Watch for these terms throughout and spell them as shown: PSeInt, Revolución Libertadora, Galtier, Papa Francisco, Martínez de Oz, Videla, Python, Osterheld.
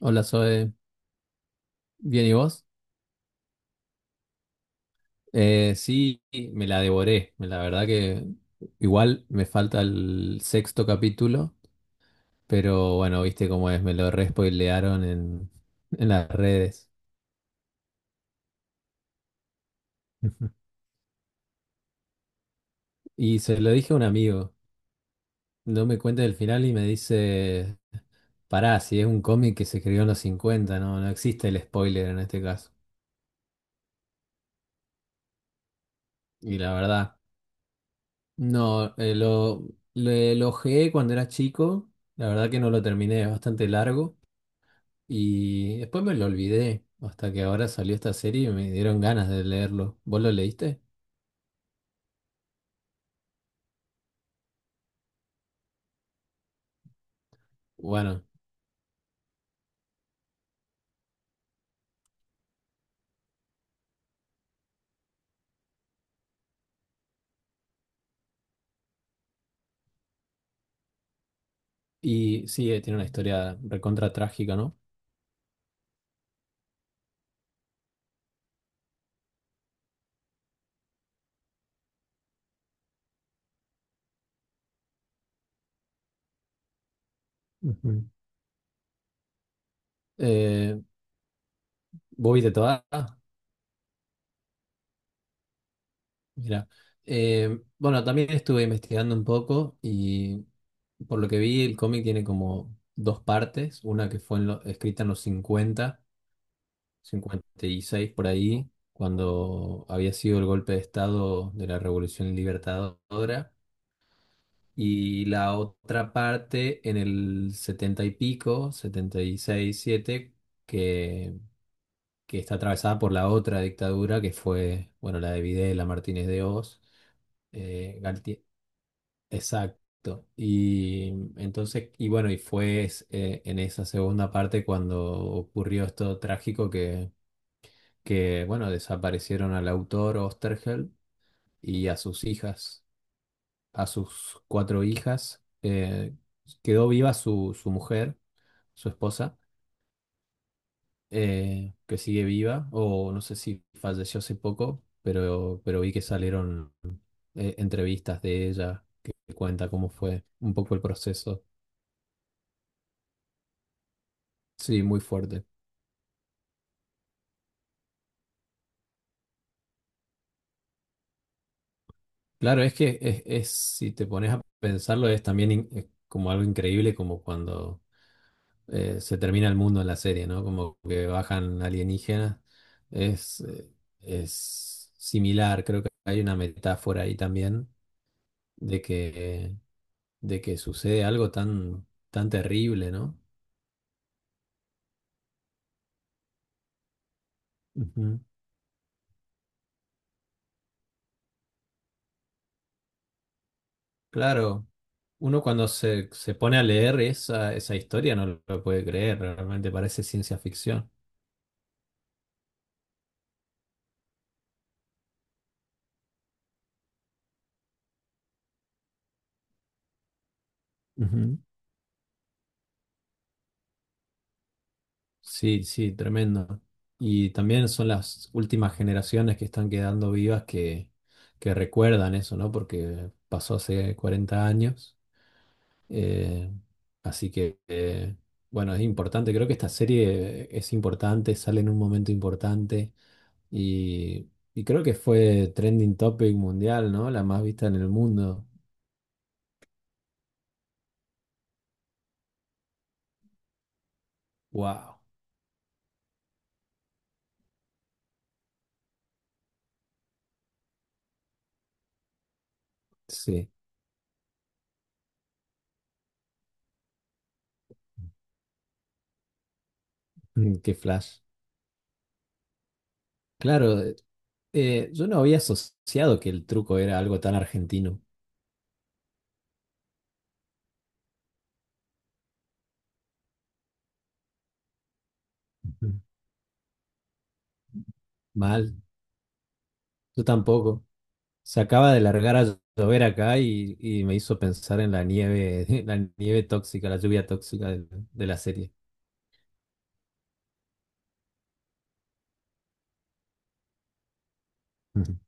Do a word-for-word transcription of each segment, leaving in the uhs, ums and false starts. Hola Zoe, ¿bien y vos? Eh, sí, me la devoré, la verdad que igual me falta el sexto capítulo, pero bueno, viste cómo es, me lo respoilearon en, en las redes. Y se lo dije a un amigo, no me cuenta el final y me dice, pará, si es un cómic que se escribió en los cincuenta, no, no existe el spoiler en este caso. Y la verdad, no, eh, lo, lo, lo ojeé cuando era chico, la verdad que no lo terminé, es bastante largo. Y después me lo olvidé, hasta que ahora salió esta serie y me dieron ganas de leerlo. ¿Vos lo leíste? Bueno, y sí, eh, tiene una historia recontra trágica, ¿no? Ujú. Eh, ¿Vos viste toda? Ah, mira. Eh, bueno, también estuve investigando un poco y por lo que vi, el cómic tiene como dos partes. Una que fue en lo- escrita en los cincuenta cincuenta y seis por ahí, cuando había sido el golpe de estado de la Revolución Libertadora. Y la otra parte en el setenta y pico, setenta y seis siete que, que está atravesada por la otra dictadura que fue, bueno, la de Videla, Martínez de Oz, eh, Galtier- exacto. Y entonces, y bueno, y fue es- eh, en esa segunda parte cuando ocurrió esto trágico que, que bueno, desaparecieron al autor Osterheld y a sus hijas. A sus cuatro hijas. Eh, quedó viva su, su mujer, su esposa, eh, que sigue viva, o no sé si falleció hace poco, pero, pero vi que salieron eh, entrevistas de ella que cuenta cómo fue un poco el proceso. Sí, muy fuerte. Claro, es que es, es- si te pones a pensarlo, es también in- es como algo increíble, como cuando eh, se termina el mundo en la serie, ¿no? Como que bajan alienígenas. Es, eh, es similar, creo que hay una metáfora ahí también de que, de que sucede algo tan, tan terrible, ¿no? Ujú. Claro, uno cuando se, se pone a leer esa, esa historia no lo puede creer, realmente parece ciencia ficción. Ujú. Sí, sí, tremendo. Y también son las últimas generaciones que están quedando vivas que, que recuerdan eso, ¿no? Porque pasó hace cuarenta años. Eh, Así que, eh, bueno, es importante. Creo que esta serie es importante, sale en un momento importante y, y creo que fue trending topic mundial, ¿no? La más vista en el mundo. ¡Wow! Sí, qué flash. Claro, eh, eh, yo no había asociado que el truco era algo tan argentino. Ujú. Mal, yo tampoco. Se acaba de largar a llover acá y, y me hizo pensar en la nieve, la nieve tóxica, la lluvia tóxica de, de la serie. Ujú.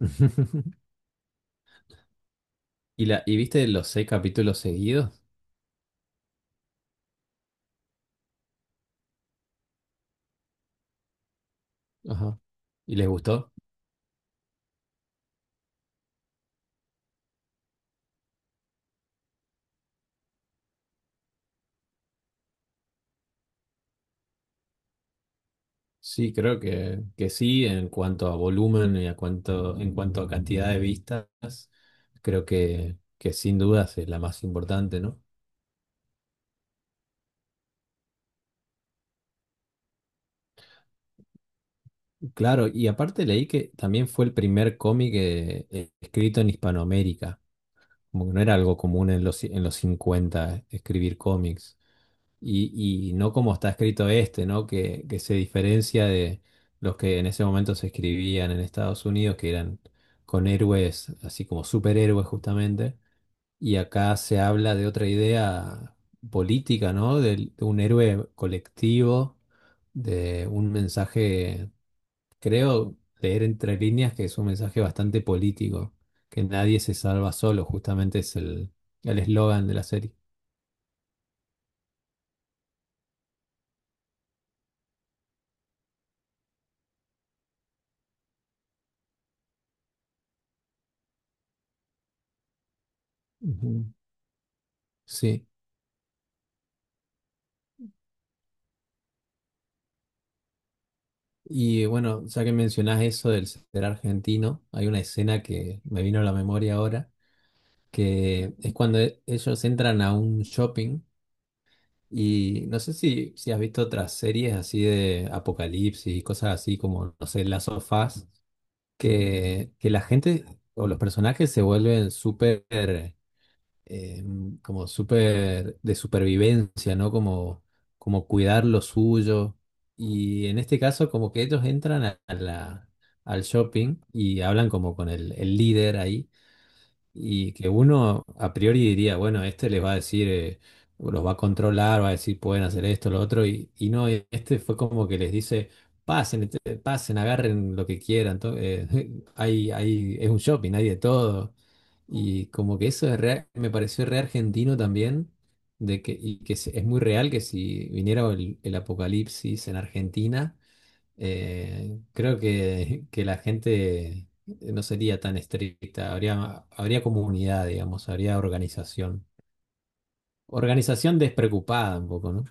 ¿Y, la, y viste los seis capítulos seguidos? Ajá. ¿Y les gustó? Sí, creo que, que sí, en cuanto a volumen y a cuanto, en cuanto a cantidad de vistas, creo que, que sin dudas es la más importante, ¿no? Claro, y aparte leí que también fue el primer cómic eh, eh, escrito en Hispanoamérica, como que no era algo común en los, ci- en los cincuenta escribir cómics, y, y no como está escrito este, ¿no? Que, que se diferencia de los que en ese momento se escribían en Estados Unidos, que eran con héroes, así como superhéroes justamente, y acá se habla de otra idea política, ¿no? Del- De, un héroe colectivo, de un mensaje. Creo leer entre líneas que es un mensaje bastante político, que nadie se salva solo, justamente es el el eslogan de la serie. Ujú. Sí. Y bueno, ya que mencionás eso del ser argentino, hay una escena que me vino a la memoria ahora, que es cuando e- ellos entran a un shopping y no sé si, si has visto otras series así de apocalipsis y cosas así como, no sé, las sofás que, que la gente o los personajes se vuelven súper eh, como súper de supervivencia, ¿no? Como, como cuidar lo suyo. Y en este caso, como que ellos entran a a la, al shopping y hablan como con el, el líder ahí y que uno a priori diría, bueno, este les va a decir, eh, los va a controlar, va a decir, pueden hacer esto, lo otro, y, y no, este fue como que les dice, pasen, este, pasen, agarren lo que quieran, to- eh, hay, hay, es un shopping, hay de todo. Y como que eso es re- me pareció re argentino también, de que, y que es, es muy real que si viniera el, el apocalipsis en Argentina, eh, creo que, que la gente no sería tan estricta, habría, habría comunidad, digamos, habría organización. Organización despreocupada un poco, ¿no?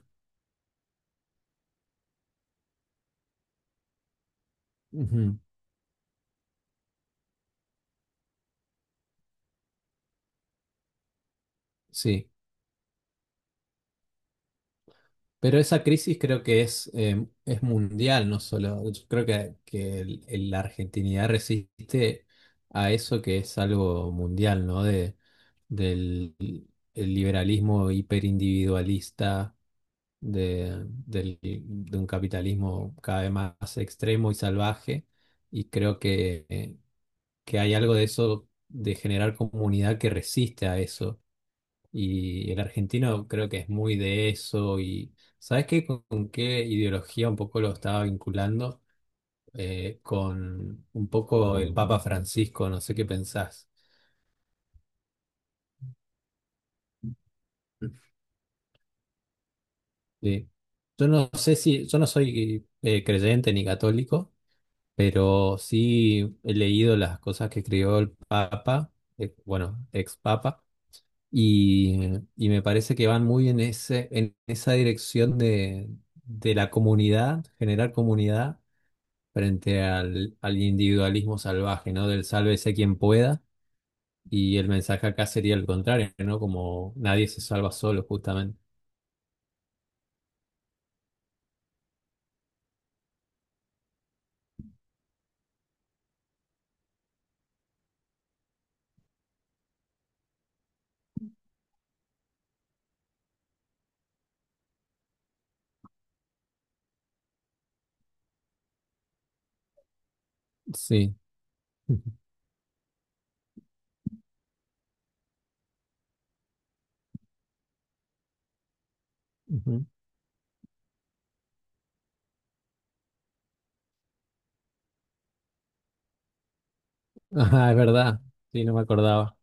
Ujú, sí, pero esa crisis creo que es, eh, es mundial, no solo. Yo creo que, que el- el- la argentinidad resiste a eso que es algo mundial, ¿no? De, del el liberalismo hiperindividualista de, del- de un capitalismo cada vez más extremo y salvaje. Y creo que, eh, que hay algo de eso, de generar comunidad que resiste a eso. Y el argentino creo que es muy de eso. Y ¿sabes qué? ¿Con, con qué ideología un poco lo estaba vinculando? Eh, con un poco el Papa Francisco, no sé qué pensás. Sí. Yo no sé si, yo no soy eh, creyente ni católico, pero sí he leído las cosas que escribió el Papa, eh, bueno, ex Papa, y, y me parece que van muy en ese, en esa dirección de, de la comunidad, generar comunidad frente al, al individualismo salvaje, ¿no? Del sálvese quien pueda, y el mensaje acá sería el contrario, ¿no? Como nadie se salva solo, justamente. Sí. Ujú. Ah, es verdad. Sí, no me acordaba.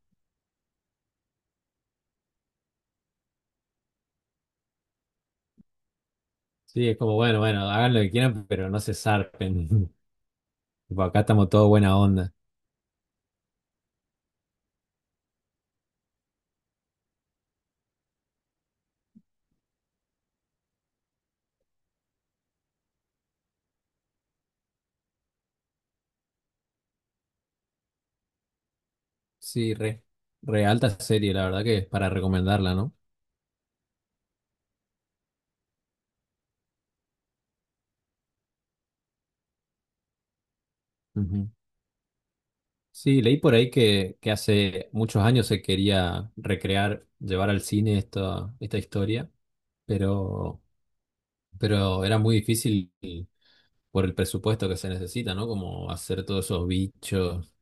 Sí, es como, bueno, bueno, hagan lo que quieran, pero no se zarpen. Tipo, acá estamos todos buena onda. Sí, re, re alta serie, la verdad que es para recomendarla, ¿no? Ujú. Sí, leí por ahí que, que hace muchos años se quería recrear, llevar al cine esta, esta historia, pero, pero era muy difícil por el presupuesto que se necesita, ¿no? Como hacer todos esos bichos.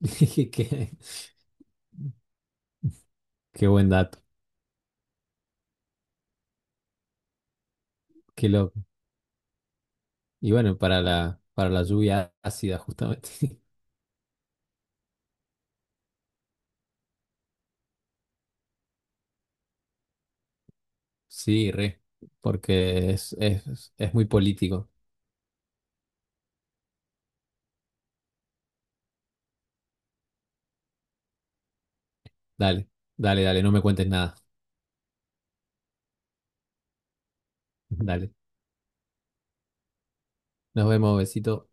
Qué, qué buen dato, qué loco. Y bueno, para la, para la lluvia ácida, justamente. Sí, re, porque es, es, es muy político. Dale, dale, dale, no me cuentes nada. Dale. Nos vemos, besito.